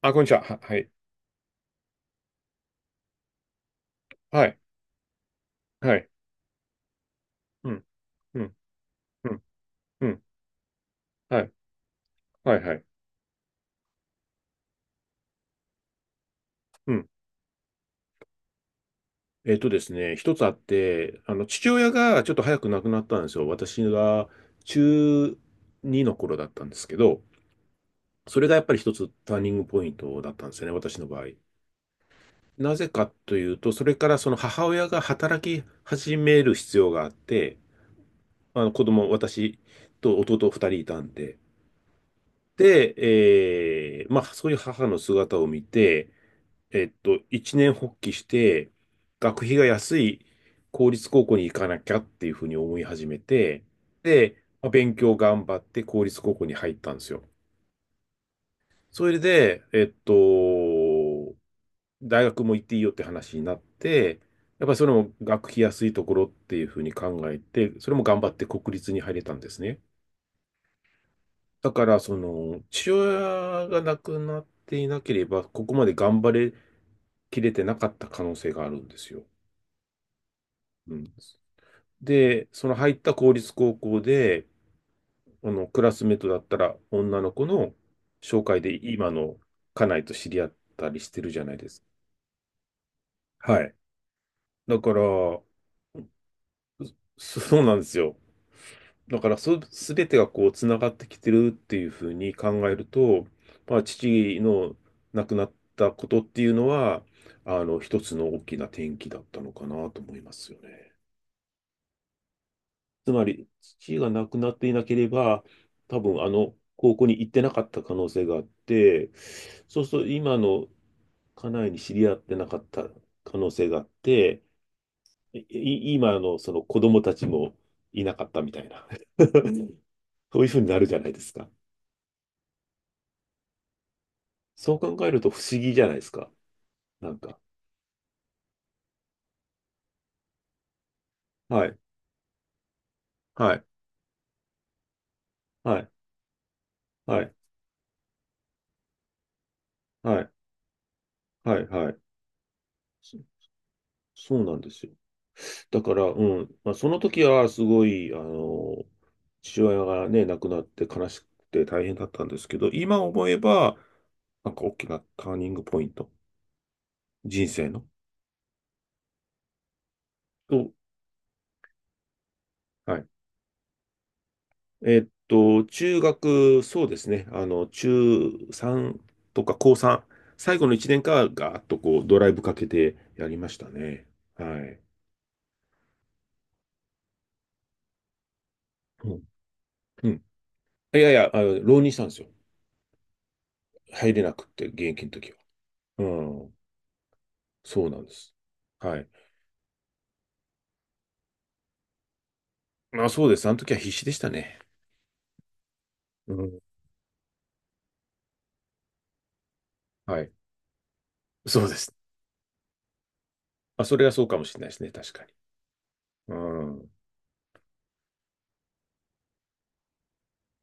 あ、こんにちは。はい。はい。はい。うん。うん。うん。うん。はい。はい。はい。うん。えっとですね、一つあって、父親がちょっと早く亡くなったんですよ。私が中2の頃だったんですけど、それがやっぱり一つターニングポイントだったんですよね、私の場合。なぜかというと、それからその母親が働き始める必要があって、子供、私と弟2人いたんで、で、まあ、そういう母の姿を見て、一年発起して、学費が安い公立高校に行かなきゃっていうふうに思い始めて、で、まあ勉強頑張って公立高校に入ったんですよ。それで、大学も行っていいよって話になって、やっぱりそれも学費安いところっていうふうに考えて、それも頑張って国立に入れたんですね。だから、父親が亡くなっていなければ、ここまで頑張れきれてなかった可能性があるんですよ。うんで、その入った公立高校で、クラスメートだったら女の子の紹介で今の家内と知り合ったりしてるじゃないですか。はい。だから、そうなんですよ。だから、すべてがこう、つながってきてるっていうふうに考えると、まあ、父の亡くなったことっていうのは、一つの大きな転機だったのかなと思いますよね。つまり、父が亡くなっていなければ、多分あの高校に行ってなかった可能性があって、そうすると今の家内に知り合ってなかった可能性があって、い今のその子供たちもいなかったみたいな、そういうふうになるじゃないですか。そう考えると不思議じゃないですか。なんか。はい。はい。はい。はい。はい。はい。はい。そそうなんですよ。だから、まあ、その時はすごい、父親がね、亡くなって悲しくて大変だったんですけど、今思えば、なんか大きなターニングポイント、人生の。と、はい。中学、そうですね、中3とか高3、最後の1年間はガーッとこう、ドライブかけてやりましたね。はい。うん。うんいやいや、浪人したんですよ。入れなくって、現役の時は。うん。そうなんです。はい。まあそうです。あの時は必死でしたね。うん。はい。そうです。あ、それはそうかもしれないですね。確かに。うん。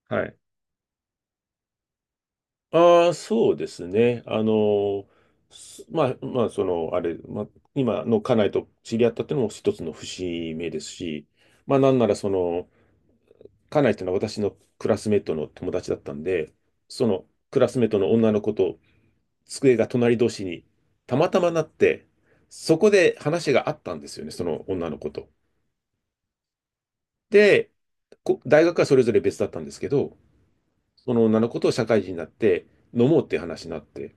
はい。ああ、そうですね。まあ、まあ、あれ、まあ、今の家内と知り合ったっていうのも一つの節目ですし、まあ、なんなら家内っていうのは私のクラスメートの友達だったんで、そのクラスメートの女の子と机が隣同士にたまたまなって、そこで話があったんですよね、その女の子と。で、大学はそれぞれ別だったんですけど、その女の子と社会人になって飲もうっていう話になって、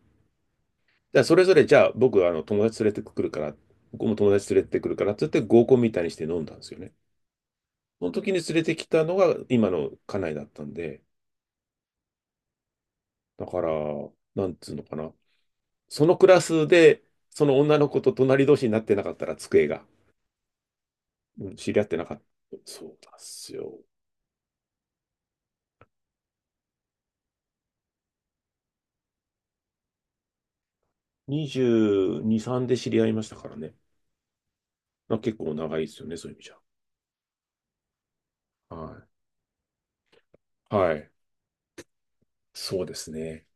じゃあそれぞれじゃあ僕あの友達連れてくるから、僕も友達連れてくるからって言って合コンみたいにして飲んだんですよね。その時に連れてきたのが今の家内だったんで、だから、なんつうのかな。そのクラスで、その女の子と隣同士になってなかったら机が、うん知り合ってなかった。そうなんですよ。22、3で知り合いましたからね。まあ、結構長いですよね、そういう意味じゃ。はい。はい。そうですね。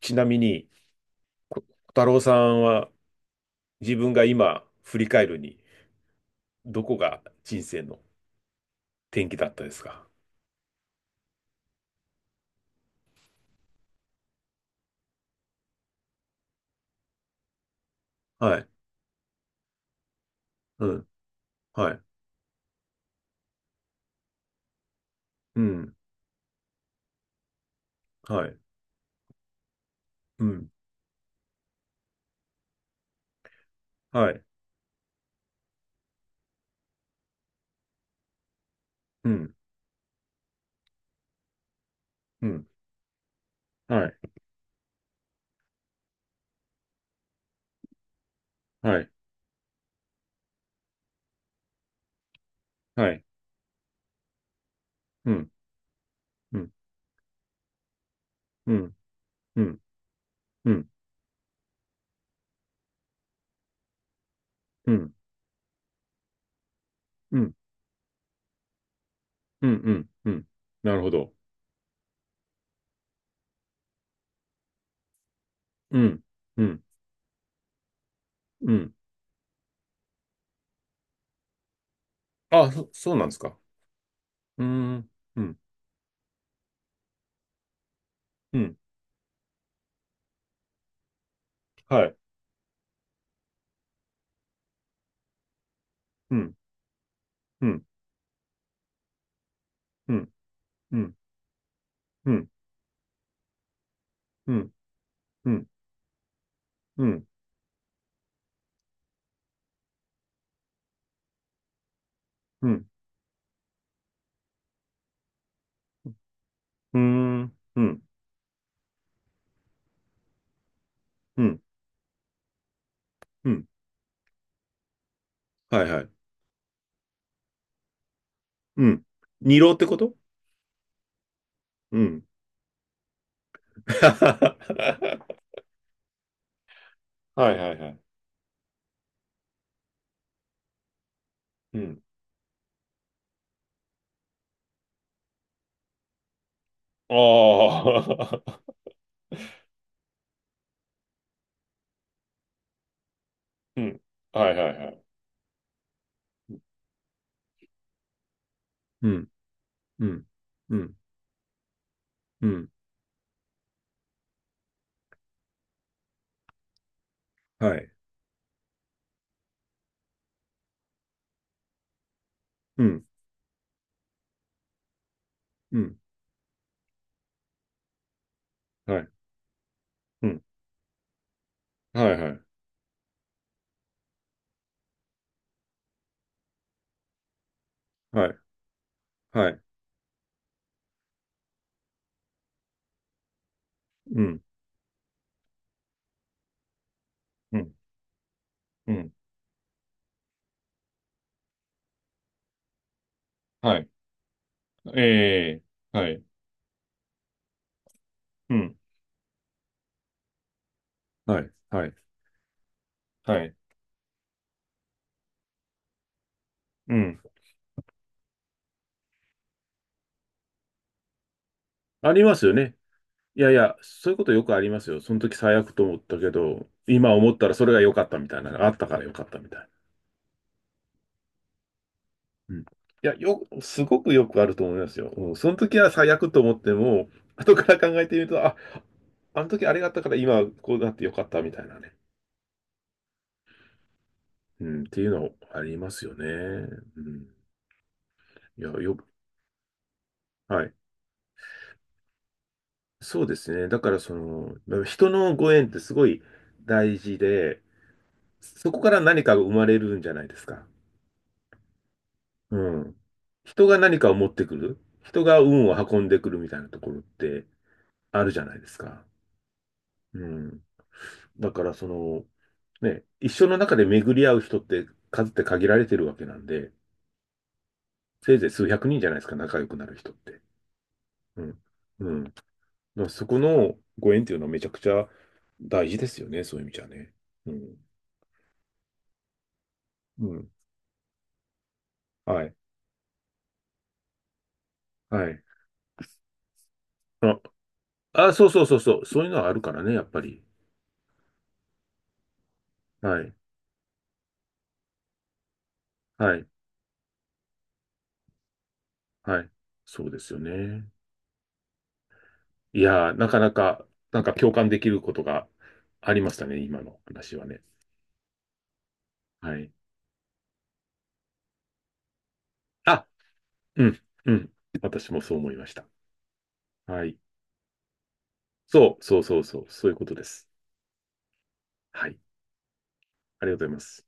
ちなみに、小太郎さんは自分が今振り返るに、どこが人生の転機だったですか？はい。うん。はい。うん。はい。うん。はい。うん。うん。はい。はい。はい。うん。うん。うん。うん。うん。うん。うん。うん。うん。うん。なるほど。うん。うん。うん。あ、そうなんですか。うーん。うん。うん。はい。うん。うん。うん。うん。うん。うん。うん。うん。うん。うーん、うん、うん、うん。はいはい。うん。二浪ってこと？うん。はいはいはい。うん。ああ。うん。はいはいはい。うん、うん、うん、うん。はい。うん、うん。はい。うん。はいはい。はい。はい。うん、うん、うん。はい。ええ。はい。うん。はい。はい。はい。うん。ありますよね。いやいや、そういうことよくありますよ。その時最悪と思ったけど、今思ったらそれが良かったみたいな、あったから良かったみたいな。うん。いや、すごくよくあると思いますよ。うん、その時は最悪と思っても、後から考えてみると、あ、あの時あれがあったから今こうなって良かったみたいなね。うん、っていうのありますよね。うん。いや、はい。そうですね。だからまあ人のご縁ってすごい大事で、そこから何かが生まれるんじゃないですか。うん。人が何かを持ってくる、人が運を運んでくるみたいなところってあるじゃないですか。うん。だからね、一生の中で巡り合う人って数って限られてるわけなんで、せいぜい数百人じゃないですか、仲良くなる人って。うん。うん。だからそこのご縁っていうのはめちゃくちゃ大事ですよね、そういう意味じゃね。うん。うん。はい。はい。あ、あ、そうそうそうそう。そういうのはあるからね、やっぱり。はい。はい。はい。そうですよね。いやー、なかなか、なんか共感できることがありましたね、今の話はね。はい。あ、うん、うん。私もそう思いました。はい。そう、そうそうそう、そういうことです。はい。ありがとうございます。